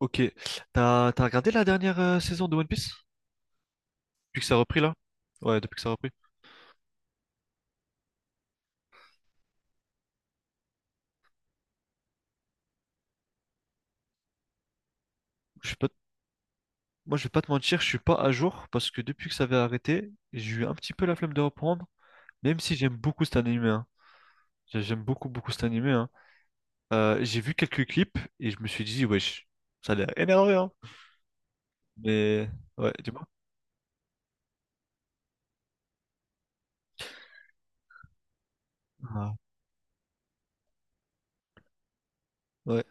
Ok. T'as regardé la dernière saison de One Piece? Depuis que ça a repris là? Ouais, depuis que ça a repris. Je suis pas... Moi, je vais pas te mentir, je suis pas à jour parce que depuis que ça avait arrêté, j'ai eu un petit peu la flemme de reprendre, même si j'aime beaucoup cet animé, hein. J'aime beaucoup, beaucoup cet animé, hein. J'ai vu quelques clips et je me suis dit, wesh, ça a l'air énervé, hein. Mais ouais, dis-moi. Ah, ouais,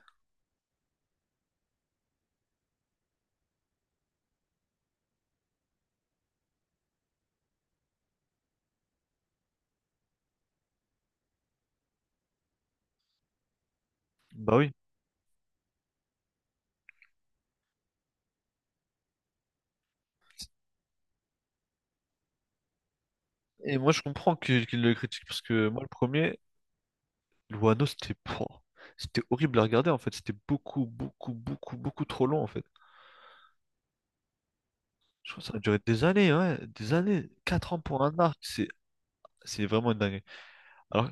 bah oui. Et moi, je comprends qu'il le critique parce que moi, le premier, Wano, c'était pouah, c'était horrible à regarder en fait. C'était beaucoup, beaucoup, beaucoup, beaucoup trop long en fait. Je crois que ça a duré des années, ouais, des années. Quatre ans pour un arc, c'est vraiment une dinguerie. Alors,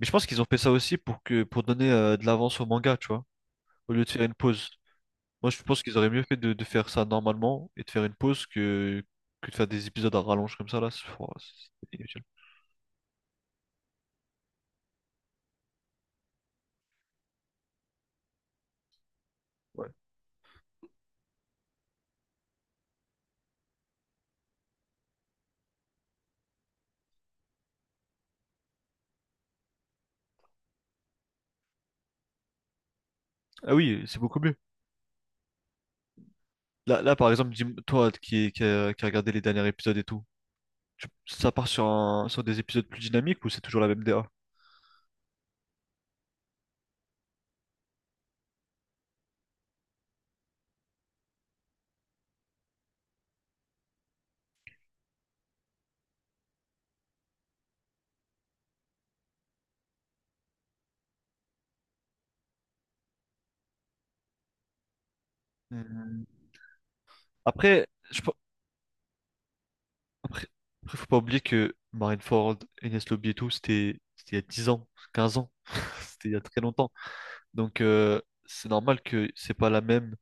mais je pense qu'ils ont fait ça aussi pour donner de l'avance au manga, tu vois, au lieu de faire une pause. Moi, je pense qu'ils auraient mieux fait de faire ça normalement et de faire une pause que de faire des épisodes à rallonge comme ça, là. C'est oh, c'est inutile. Ouais. Ah oui, c'est beaucoup mieux. Là, là, par exemple, dis- toi qui a regardé les derniers épisodes et tout, ça part sur, sur des épisodes plus dynamiques ou c'est toujours la même DA? Hmm. Après, je, pe- après, après, faut pas oublier que Marineford, Enes Lobby et tout, c'était il y a 10 ans, 15 ans, c'était il y a très longtemps. Donc c'est normal que c'est pas la même,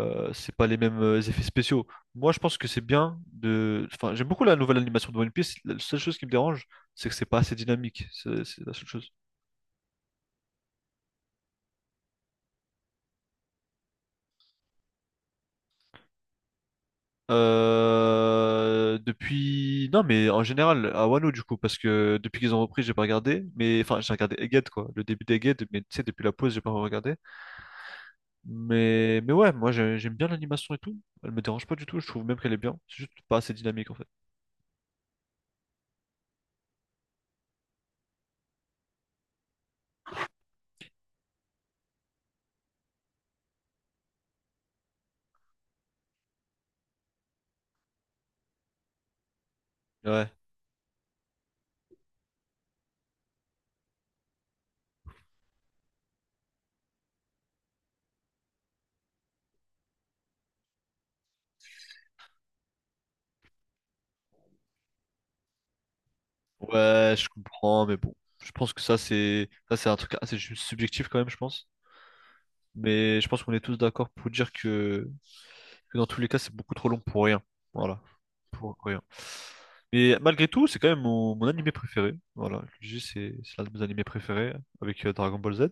c'est pas les mêmes effets spéciaux. Moi je pense que c'est bien de, enfin j'aime beaucoup la nouvelle animation de One Piece. La seule chose qui me dérange, c'est que c'est pas assez dynamique. C'est la seule chose. Non mais en général à Wano du coup parce que depuis qu'ils ont repris j'ai pas regardé, mais enfin j'ai regardé Egghead quoi, le début d'Egghead, mais tu sais depuis la pause j'ai pas regardé. Mais ouais moi j'aime bien l'animation et tout. Elle me dérange pas du tout. Je trouve même qu'elle est bien. C'est juste pas assez dynamique en fait. Ouais. Ouais, je comprends, mais bon. Je pense que ça, c'est un truc assez subjectif quand même, je pense. Mais je pense qu'on est tous d'accord pour dire que dans tous les cas, c'est beaucoup trop long pour rien. Voilà. Pour rien. Mais malgré tout, c'est quand même mon, mon animé préféré. Voilà, je le dis, c'est l'un de mes animés préférés avec Dragon Ball Z.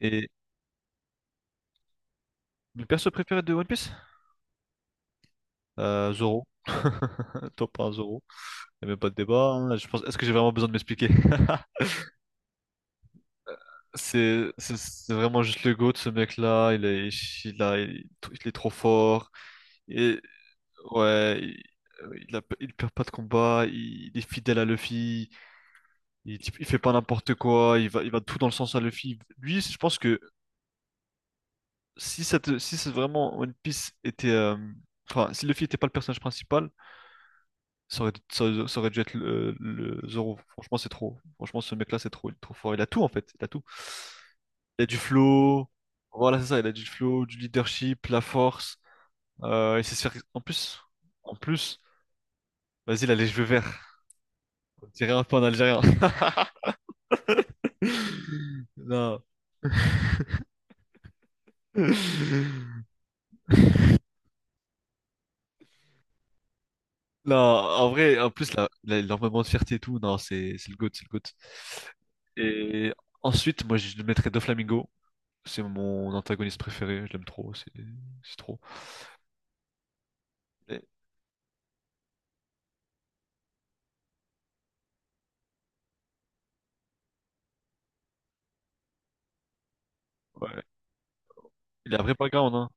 Et le perso préféré de One Piece? Zoro. Top un Zoro. Il n'y a même pas de débat, hein. Je pense... Est-ce que j'ai vraiment besoin de m'expliquer? C'est vraiment juste le GOAT, ce mec-là. Il a- il il est trop fort. Et ouais, il perd pas de combat. Il est fidèle à Luffy. Il fait pas n'importe quoi. Il va tout dans le sens à Luffy. Lui, je pense que si c'est vraiment One Piece était, enfin, si Luffy était pas le personnage principal, ça aurait, ça, aurait ça aurait dû être le Zoro. Franchement, c'est trop. Franchement, ce mec-là, c'est trop, il est trop fort. Il a tout en fait. Il a tout. Il a du flow. Voilà, c'est ça. Il a du flow, du leadership, la force. Il sait se faire. En plus, vas-y, il a les cheveux verts. On dirait un peu un Algérien. Non. Non, en vrai, en plus, là, il a énormément de fierté et tout. Non, c'est le GOAT, c'est le GOAT. Et ensuite, moi, je le mettrais Doflamingo. C'est mon antagoniste préféré. Je l'aime trop. C'est trop. Et- ouais. Il a un vrai background, hein.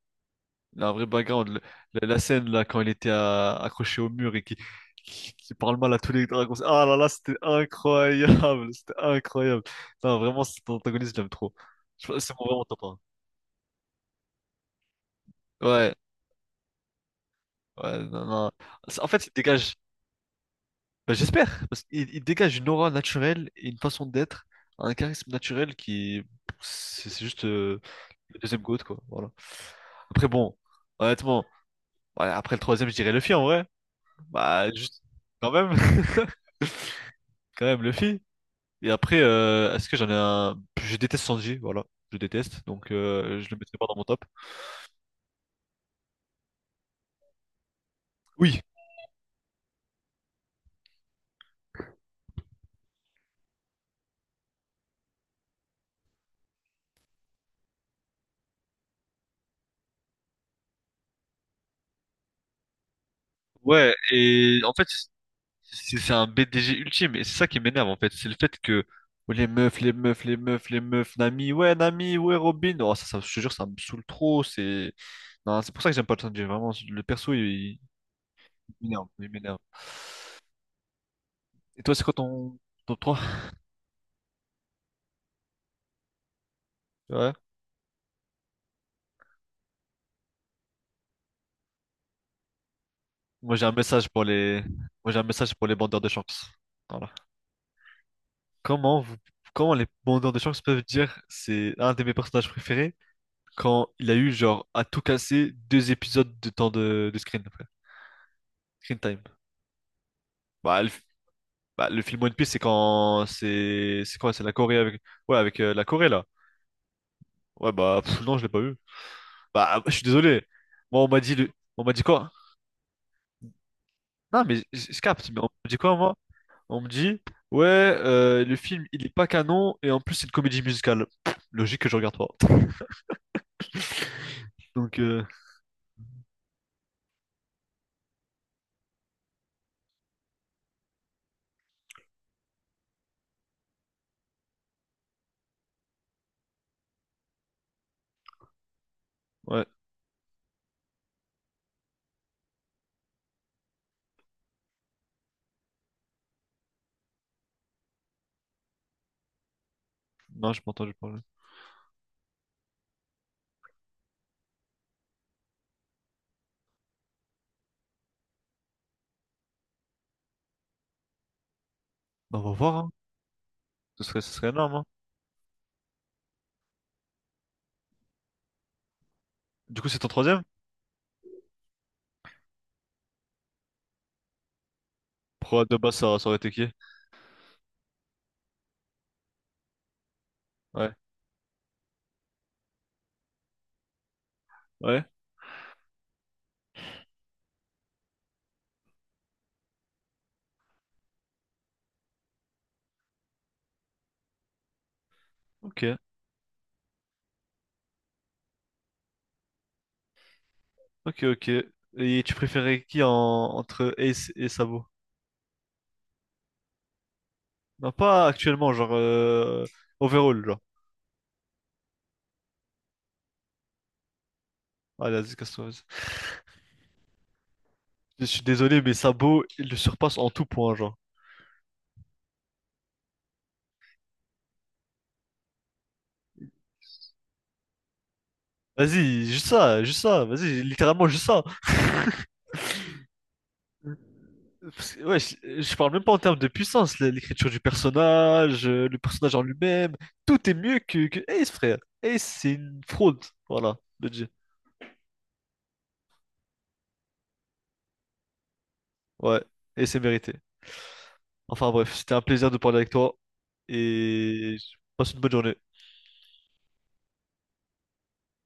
La vraie background. La scène, là, quand il était accroché au mur et qui parle mal à tous les dragons. Ah là là, c'était incroyable. C'était incroyable. Non, vraiment, cet antagoniste, j'aime trop. Je C'est mon vraiment top 1. Ouais. Ouais, non, non. C'est- En fait, il dégage. Bah, j'espère. Parce qu'il il dégage une aura naturelle et une façon d'être. Un charisme naturel qui. C'est juste le deuxième GOAT, quoi. Voilà. Après, bon, honnêtement, ouais, après le troisième, je dirais le film en vrai. Bah, juste quand même. Quand même Luffy. Et après, est-ce que j'en ai un... Je déteste Sanji, voilà. Je déteste, donc je le mettrai pas dans mon top. Oui. Ouais, et en fait, c'est un BDG ultime, et c'est ça qui m'énerve, en fait. C'est le fait que oh, les meufs, les meufs, les meufs, les meufs, Nami, ouais, Robin. Oh, ça, je te jure, ça me saoule trop, c'est... Non, c'est pour ça que j'aime pas le Sanji, vraiment. Le perso, il m'énerve, il m'énerve. Et toi, c'est quoi ton top 3 Ouais. Moi, j'ai un message pour les... Moi, j'ai un message pour les bandeurs de chance. Voilà. Comment vous, Comment les demandeurs de chance peuvent dire c'est un de mes personnages préférés quand il a eu genre à tout casser deux épisodes de temps de screen après. Screen time. Bah, le, Bah, le film One Piece c'est quand c'est la Corée avec ouais avec la Corée là. Ouais bah pff, non je l'ai pas vu. Bah ah, je suis désolé. Moi on m'a dit le- On m'a dit quoi? Non mais je capte mais on me dit quoi moi? On me dit ouais le film il est pas canon et en plus c'est une comédie musicale. Pff, logique que je regarde pas. Donc ouais non je m'entends je parle. Bah, on va voir, hein. Ce serait énorme, hein. Du coup, c'est ton troisième? Pro de base, ça aurait été qui? Ouais. Ouais. Ok. Ok, ok. Et tu préférais qui en, entre Ace et Sabo? Non, pas actuellement, genre, overall, genre. Allez, vas-y, casse-toi, vas-y. Je suis désolé, mais Sabo, il le surpasse en tout point, genre. Vas-y, juste ça, vas-y, littéralement juste ça. Parce que, ouais, je parle même pas en termes de puissance, l'écriture du personnage, le personnage en lui-même, tout est mieux que Ace, frère. Ace, c'est une fraude, voilà, budget. Ouais, et c'est mérité. Enfin bref, c'était un plaisir de parler avec toi et passe une bonne journée.